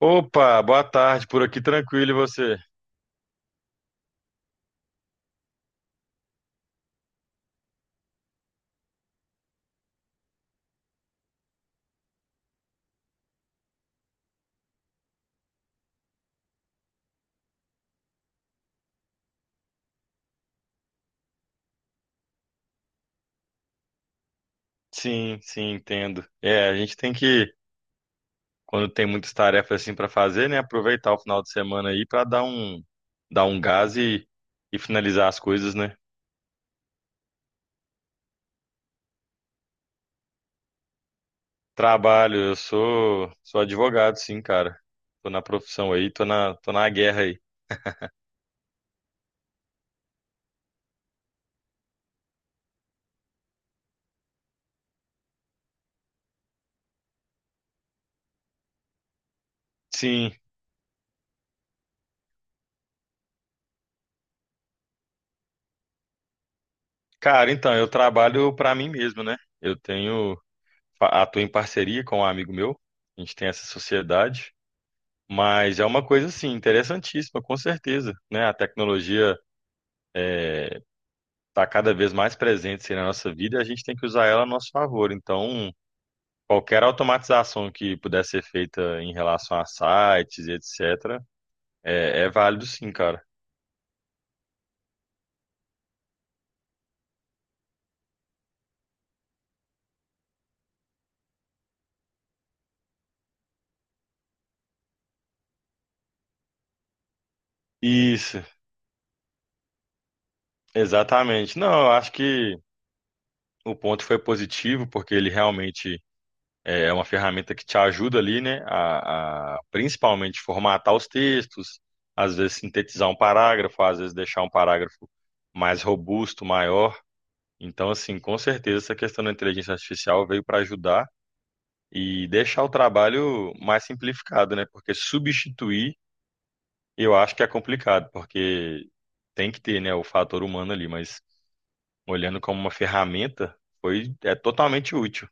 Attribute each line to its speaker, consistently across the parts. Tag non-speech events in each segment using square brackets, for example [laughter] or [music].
Speaker 1: Opa, boa tarde, por aqui tranquilo e você? Sim, sim, entendo. A gente tem que, quando tem muitas tarefas assim para fazer, né, aproveitar o final de semana aí para dar um gás e finalizar as coisas, né? Trabalho, eu sou advogado, sim, cara. Tô na profissão aí, tô na guerra aí. Sim. Cara, então eu trabalho para mim mesmo, né? Eu tenho atuo em parceria com um amigo meu. A gente tem essa sociedade. Mas é uma coisa assim interessantíssima, com certeza, né? A tecnologia está cada vez mais presente assim, na nossa vida e a gente tem que usar ela a nosso favor. Então, qualquer automatização que puder ser feita em relação a sites e etc, é válido sim, cara. Isso, exatamente. Não, eu acho que o ponto foi positivo porque ele realmente é uma ferramenta que te ajuda ali, né, a principalmente formatar os textos, às vezes sintetizar um parágrafo, às vezes deixar um parágrafo mais robusto, maior. Então, assim, com certeza essa questão da inteligência artificial veio para ajudar e deixar o trabalho mais simplificado, né? Porque substituir, eu acho que é complicado, porque tem que ter, né, o fator humano ali, mas olhando como uma ferramenta, é totalmente útil.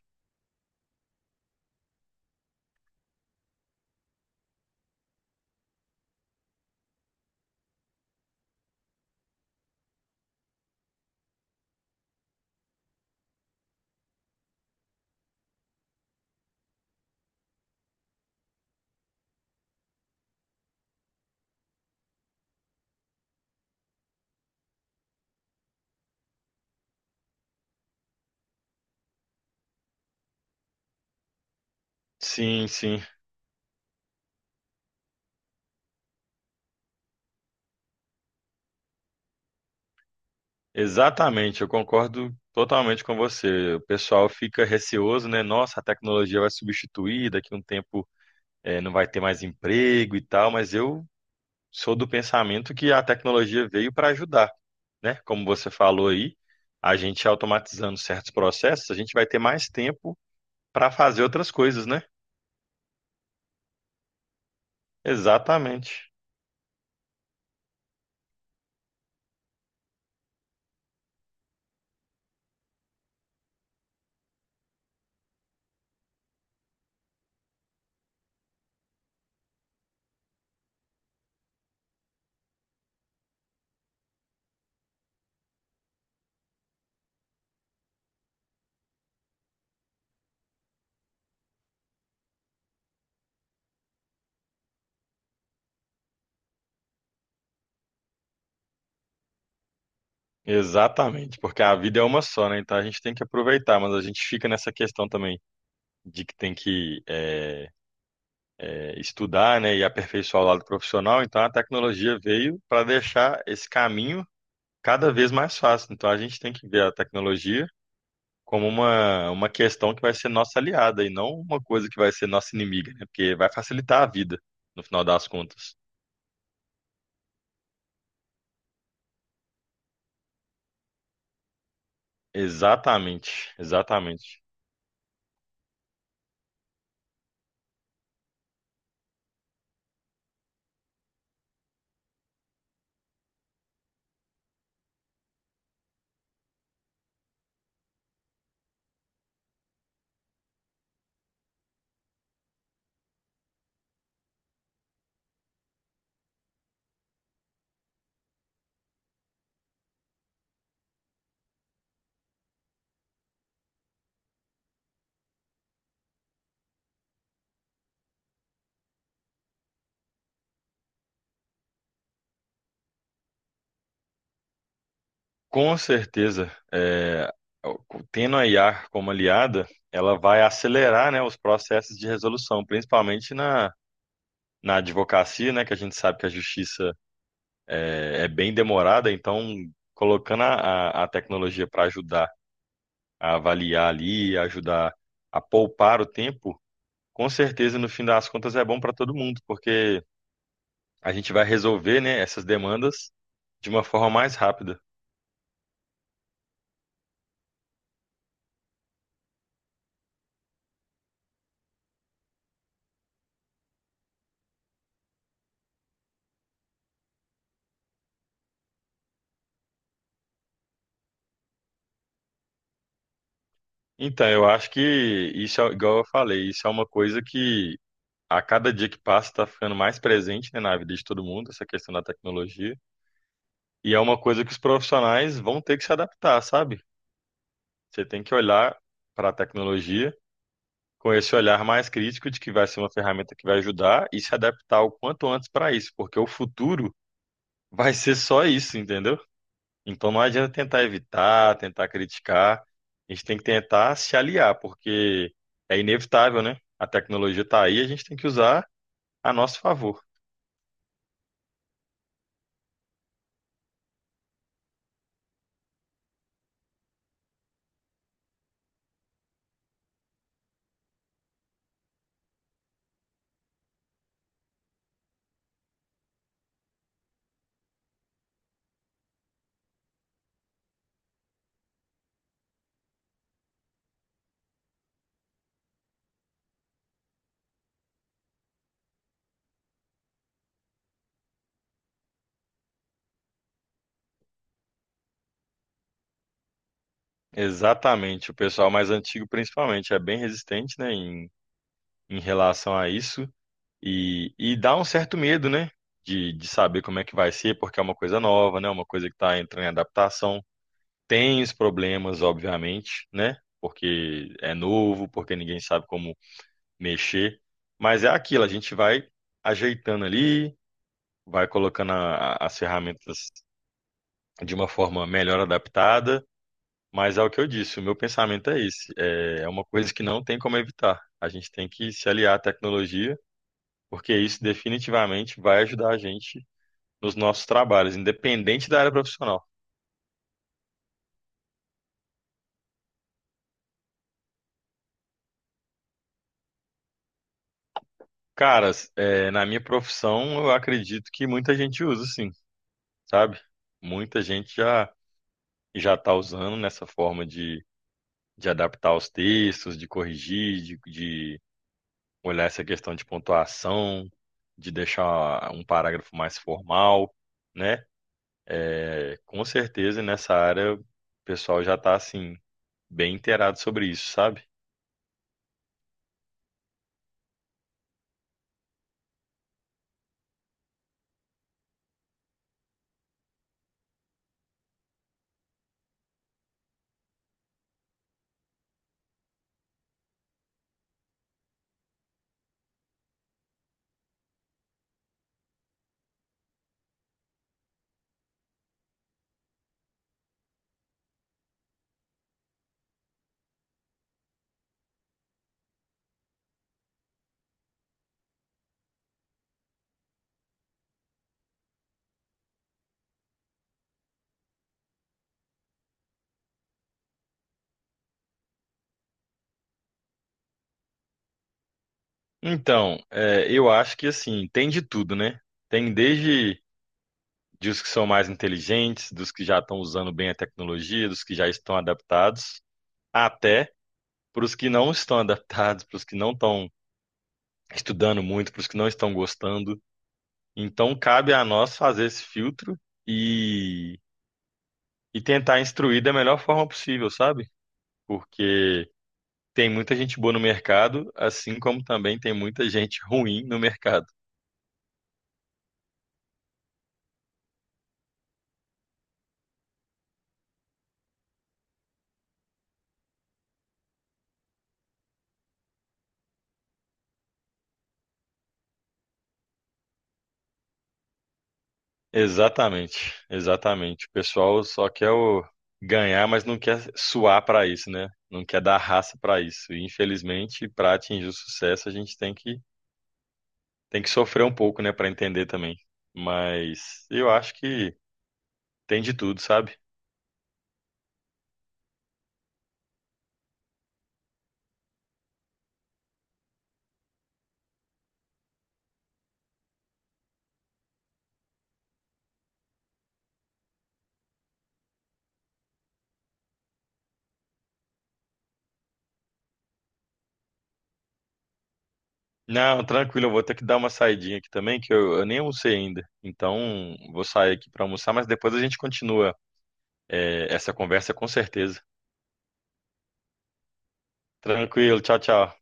Speaker 1: Sim, sim. Exatamente, eu concordo totalmente com você. O pessoal fica receoso, né? Nossa, a tecnologia vai substituir, daqui a um tempo não vai ter mais emprego e tal, mas eu sou do pensamento que a tecnologia veio para ajudar, né? Como você falou aí, a gente automatizando certos processos, a gente vai ter mais tempo para fazer outras coisas, né? Exatamente. Exatamente, porque a vida é uma só, né? Então a gente tem que aproveitar, mas a gente fica nessa questão também de que tem que estudar, né, e aperfeiçoar o lado profissional, então a tecnologia veio para deixar esse caminho cada vez mais fácil. Então a gente tem que ver a tecnologia como uma questão que vai ser nossa aliada e não uma coisa que vai ser nossa inimiga, né, porque vai facilitar a vida, no final das contas. Exatamente, exatamente. Com certeza, é, tendo a IA como aliada, ela vai acelerar, né, os processos de resolução, principalmente na advocacia, né, que a gente sabe que a justiça é bem demorada, então colocando a tecnologia para ajudar a avaliar ali, ajudar a poupar o tempo, com certeza no fim das contas é bom para todo mundo, porque a gente vai resolver, né, essas demandas de uma forma mais rápida. Então, eu acho que isso é igual eu falei, isso é uma coisa que a cada dia que passa está ficando mais presente, né, na vida de todo mundo, essa questão da tecnologia, e é uma coisa que os profissionais vão ter que se adaptar, sabe? Você tem que olhar para a tecnologia com esse olhar mais crítico de que vai ser uma ferramenta que vai ajudar e se adaptar o quanto antes para isso, porque o futuro vai ser só isso, entendeu? Então não adianta tentar evitar, tentar criticar, a gente tem que tentar se aliar, porque é inevitável, né? A tecnologia está aí, a gente tem que usar a nosso favor. Exatamente, o pessoal mais antigo principalmente é bem resistente, né, em relação a isso. E dá um certo medo, né? De saber como é que vai ser, porque é uma coisa nova, né? É uma coisa que está entrando em adaptação. Tem os problemas, obviamente, né? Porque é novo, porque ninguém sabe como mexer. Mas é aquilo, a gente vai ajeitando ali, vai colocando as ferramentas de uma forma melhor adaptada. Mas é o que eu disse, o meu pensamento é esse. É uma coisa que não tem como evitar. A gente tem que se aliar à tecnologia, porque isso definitivamente vai ajudar a gente nos nossos trabalhos, independente da área profissional. Caras, é, na minha profissão, eu acredito que muita gente usa, sim, sabe? Muita gente já está usando nessa forma de adaptar os textos, de corrigir, de olhar essa questão de pontuação, de deixar um parágrafo mais formal, né? É, com certeza, nessa área, o pessoal já está, assim, bem inteirado sobre isso, sabe? Então, é, eu acho que, assim, tem de tudo, né? Tem desde dos que são mais inteligentes, dos que já estão usando bem a tecnologia, dos que já estão adaptados, até para os que não estão [laughs] adaptados, para os que não estão estudando muito, para os que não estão gostando. Então, cabe a nós fazer esse filtro e, e tentar instruir da melhor forma possível, sabe? Porque tem muita gente boa no mercado, assim como também tem muita gente ruim no mercado. Exatamente, exatamente. O pessoal só quer o ganhar, mas não quer suar para isso, né? Não quer dar raça para isso. E infelizmente, para atingir o sucesso, a gente tem que sofrer um pouco, né, para entender também. Mas eu acho que tem de tudo, sabe? Não, tranquilo, eu vou ter que dar uma saidinha aqui também, que eu nem almocei ainda. Então, vou sair aqui para almoçar, mas depois a gente continua, essa conversa com certeza. Tranquilo, tchau, tchau.